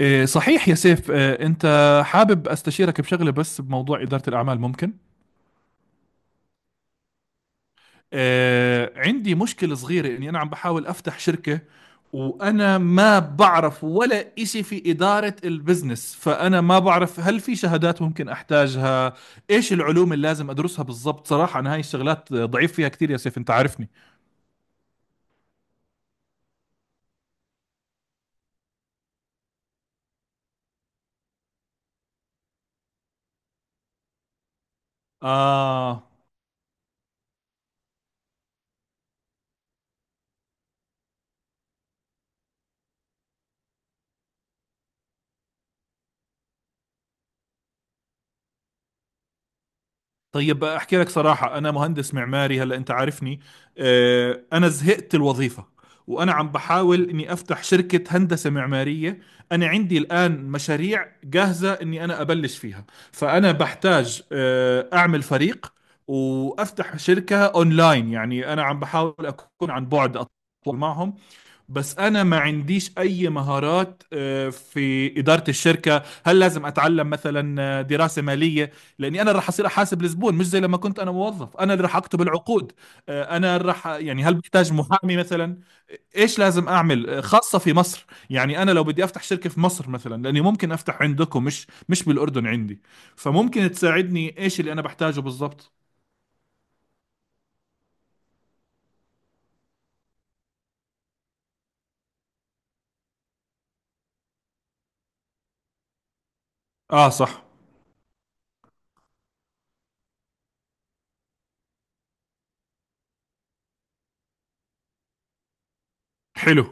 إيه صحيح يا سيف، إيه أنت حابب أستشيرك بشغلة بس بموضوع إدارة الأعمال، ممكن؟ إيه عندي مشكلة صغيرة إني أنا عم بحاول أفتح شركة، وأنا ما بعرف ولا إشي في إدارة البزنس، فأنا ما بعرف هل في شهادات ممكن أحتاجها، إيش العلوم اللي لازم أدرسها بالضبط. صراحة أنا هاي الشغلات ضعيف فيها كتير يا سيف، أنت عارفني. آه طيب، احكي لك صراحة، انا مهندس معماري، هلا انت عارفني. انا زهقت الوظيفة، وانا عم بحاول اني افتح شركة هندسة معمارية. انا عندي الان مشاريع جاهزة اني ابلش فيها. فانا بحتاج اعمل فريق وافتح شركة اونلاين، يعني انا عم بحاول اكون عن بعد أتواصل معهم. بس انا ما عنديش اي مهارات في اداره الشركه، هل لازم اتعلم مثلا دراسه ماليه؟ لاني انا اللي راح اصير احاسب الزبون، مش زي لما كنت انا موظف، انا اللي راح اكتب العقود. انا اللي راح، يعني هل بحتاج محامي مثلا؟ ايش لازم اعمل خاصه في مصر؟ يعني انا لو بدي افتح شركه في مصر مثلا، لاني ممكن افتح عندكم مش بالاردن عندي. فممكن تساعدني ايش اللي انا بحتاجه بالضبط. اه صح. حلو.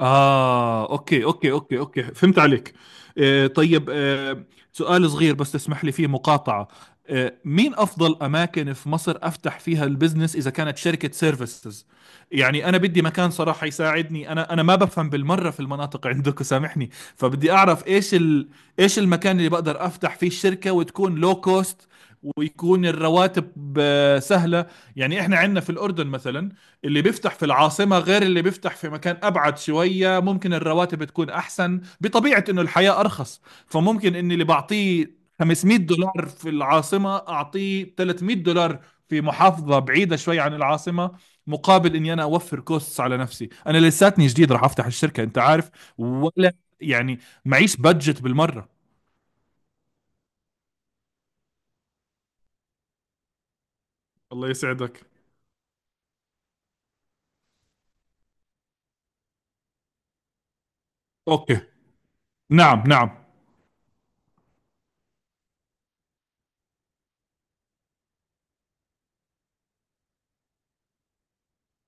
أوكي أوكي أوكي أوكي، فهمت عليك. آه طيب آه، سؤال صغير بس تسمح لي فيه مقاطعة. آه، مين أفضل أماكن في مصر أفتح فيها البزنس إذا كانت شركة سيرفيسز؟ يعني أنا بدي مكان صراحة يساعدني، أنا ما بفهم بالمرة في المناطق عندك، سامحني. فبدي أعرف إيش المكان اللي بقدر أفتح فيه الشركة، وتكون لو كوست، ويكون الرواتب سهلة. يعني إحنا عندنا في الأردن مثلا، اللي بيفتح في العاصمة غير اللي بيفتح في مكان أبعد شوية، ممكن الرواتب تكون أحسن بطبيعة إنه الحياة أرخص، فممكن إني اللي بعطيه 500 دولار في العاصمة أعطيه 300 دولار في محافظة بعيدة شوي عن العاصمة، مقابل إني أنا أوفر كوستس على نفسي، أنا لساتني جديد راح أفتح الشركة، أنت عارف ولا؟ يعني معيش بادجت بالمرة. الله يسعدك. أوكي. نعم نعم.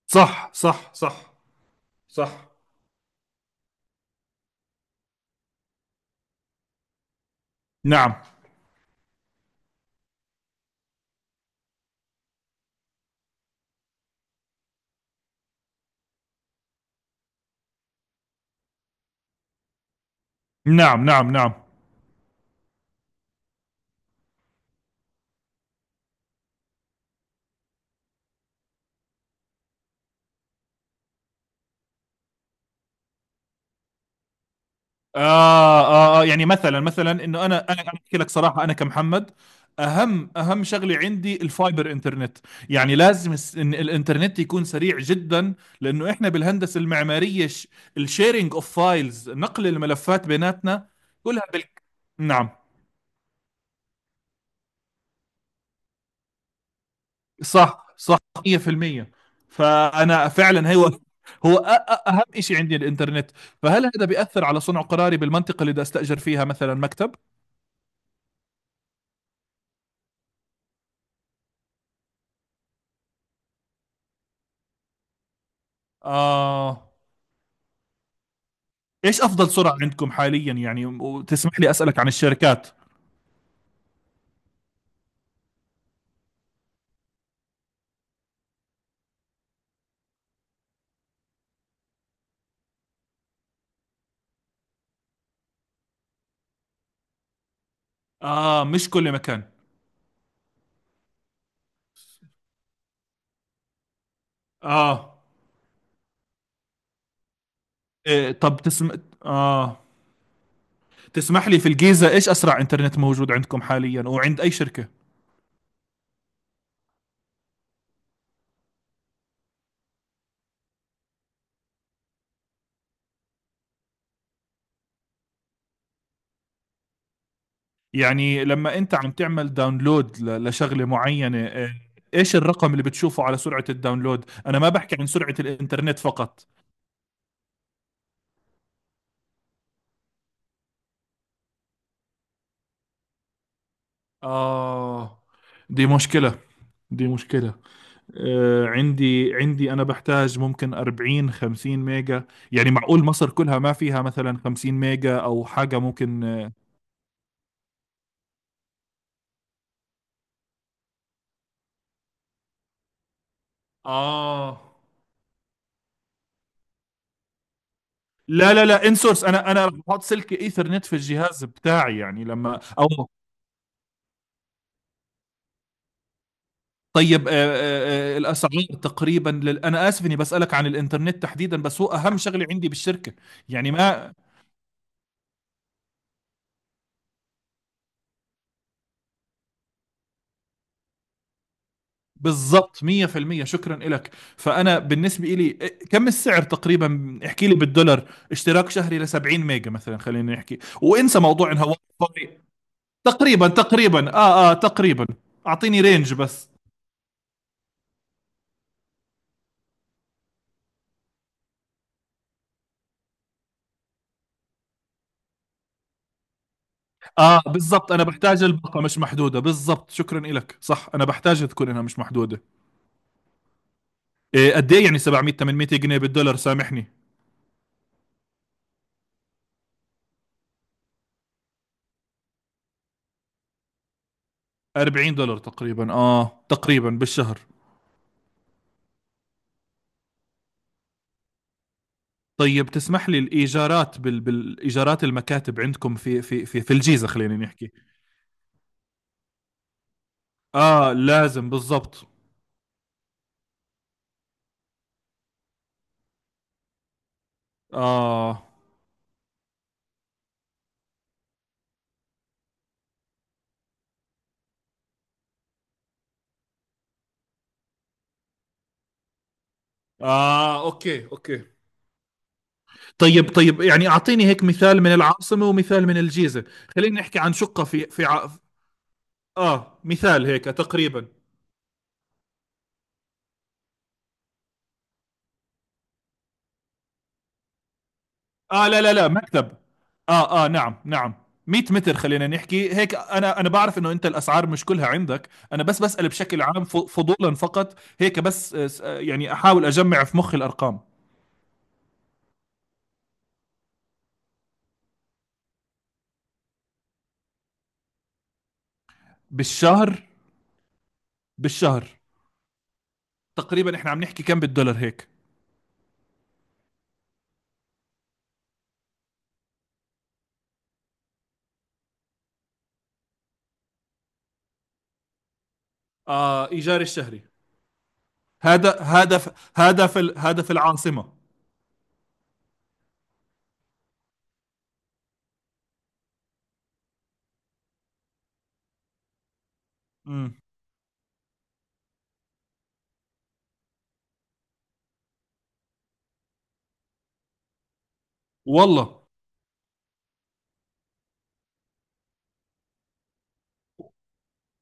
صح صح صح صح. نعم نعم نعم نعم. يعني مثلا انه انا انا أنا احكي لك صراحه، انا كمحمد اهم شغله عندي الفايبر انترنت، يعني لازم إن الانترنت يكون سريع جدا، لانه احنا بالهندسه المعماريه، الشيرنج اوف فايلز، نقل الملفات بيناتنا كلها. نعم. صح صح. 100%. فانا فعلا اهم شيء عندي الانترنت. فهل هذا بيأثر على صنع قراري بالمنطقه اللي بدي استأجر فيها مثلا مكتب؟ آه، ايش افضل سرعه عندكم حاليا يعني؟ وتسمح لي اسالك عن الشركات. اه، مش كل مكان. اه. إيه. اه، تسمح لي، في الجيزه ايش اسرع انترنت موجود عندكم حاليا وعند اي شركه؟ يعني لما انت عم تعمل داونلود لشغله معينه، إيه، ايش الرقم اللي بتشوفه على سرعه الداونلود؟ انا ما بحكي عن سرعه الانترنت فقط. اه، دي مشكله دي مشكله. آه، عندي أنا بحتاج ممكن 40 50 ميجا، يعني معقول مصر كلها ما فيها مثلا 50 ميجا أو حاجة ممكن؟ اه لا لا لا، انسورس، أنا رح بحط سلك إيثرنت في الجهاز بتاعي، يعني لما أو. طيب الأسعار تقريبا أنا آسف إني بسألك عن الإنترنت تحديدا، بس هو أهم شغلة عندي بالشركة، يعني ما. بالضبط، 100%، شكرا لك. فانا بالنسبه لي، كم السعر تقريبا؟ احكي لي بالدولار، اشتراك شهري ل 70 ميجا مثلا، خلينا نحكي، وانسى موضوع انها واي فاي. تقريبا اه اه تقريبا. اعطيني رينج بس. اه بالضبط، انا بحتاج الباقه مش محدوده، بالضبط شكرا لك، صح، انا بحتاج تكون انها مش محدوده. إيه قد ايه يعني 700 800 جنيه بالدولار، سامحني؟ 40 دولار تقريبا، اه تقريبا بالشهر. طيب تسمح لي الايجارات بالايجارات المكاتب عندكم في الجيزه، خلينا نحكي. اه لازم بالضبط. اه اه، اوكي اوكي. طيب طيب، يعني اعطيني هيك مثال من العاصمه ومثال من الجيزه. خلينا نحكي عن شقه اه، مثال هيك تقريبا. اه لا لا لا، مكتب. اه اه نعم نعم. 100 متر خلينا نحكي هيك. انا بعرف انه انت الاسعار مش كلها عندك، انا بس بسأل بشكل عام، فضولا فقط هيك بس آه، يعني احاول اجمع في مخي الارقام. بالشهر بالشهر تقريبا، احنا عم نحكي كم بالدولار هيك؟ اه، ايجار الشهري. هذا هذا في- هذا في العاصمة. امم. والله.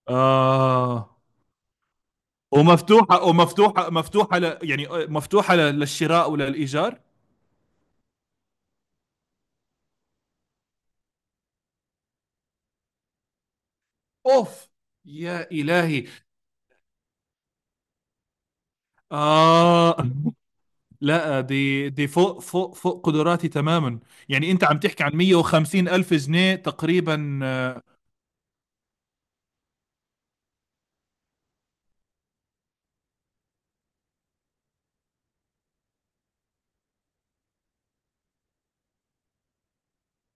آه. ومفتوحة ومفتوحة مفتوحة ل، يعني مفتوحة للشراء وللإيجار. اوف. يا الهي. اه لا، دي فوق فوق فوق قدراتي تماما. يعني انت عم تحكي عن 150 الف جنيه تقريبا.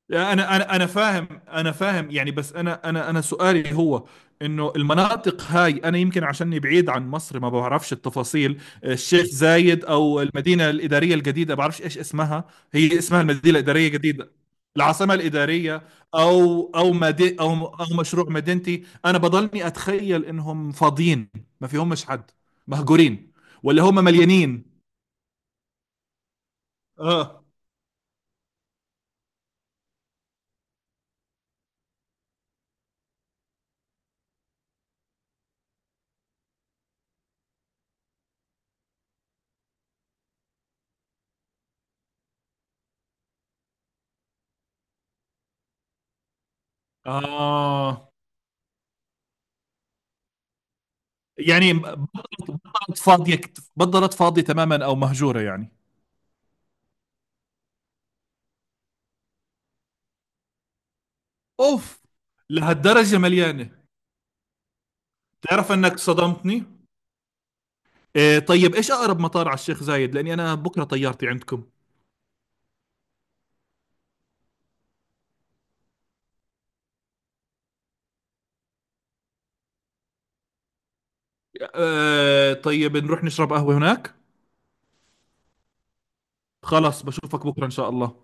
يعني انا فاهم، انا فاهم يعني، بس انا سؤالي هو، انه المناطق هاي انا يمكن عشاني بعيد عن مصر ما بعرفش التفاصيل. الشيخ زايد او المدينه الاداريه الجديده، بعرفش ايش اسمها، هي اسمها المدينه الاداريه الجديده، العاصمه الاداريه. او مشروع مدينتي، انا بضلني اتخيل انهم فاضيين، ما فيهمش حد، مهجورين ولا هم مليانين؟ اه اه يعني فاضيه، بطلت فاضيه تماما او مهجوره يعني. اوف، لهالدرجه مليانه؟ تعرف انك صدمتني. إيه طيب، ايش اقرب مطار على الشيخ زايد، لاني انا بكره طيارتي عندكم. إيه طيب نروح نشرب قهوه هناك. خلاص بشوفك بكره ان شاء الله.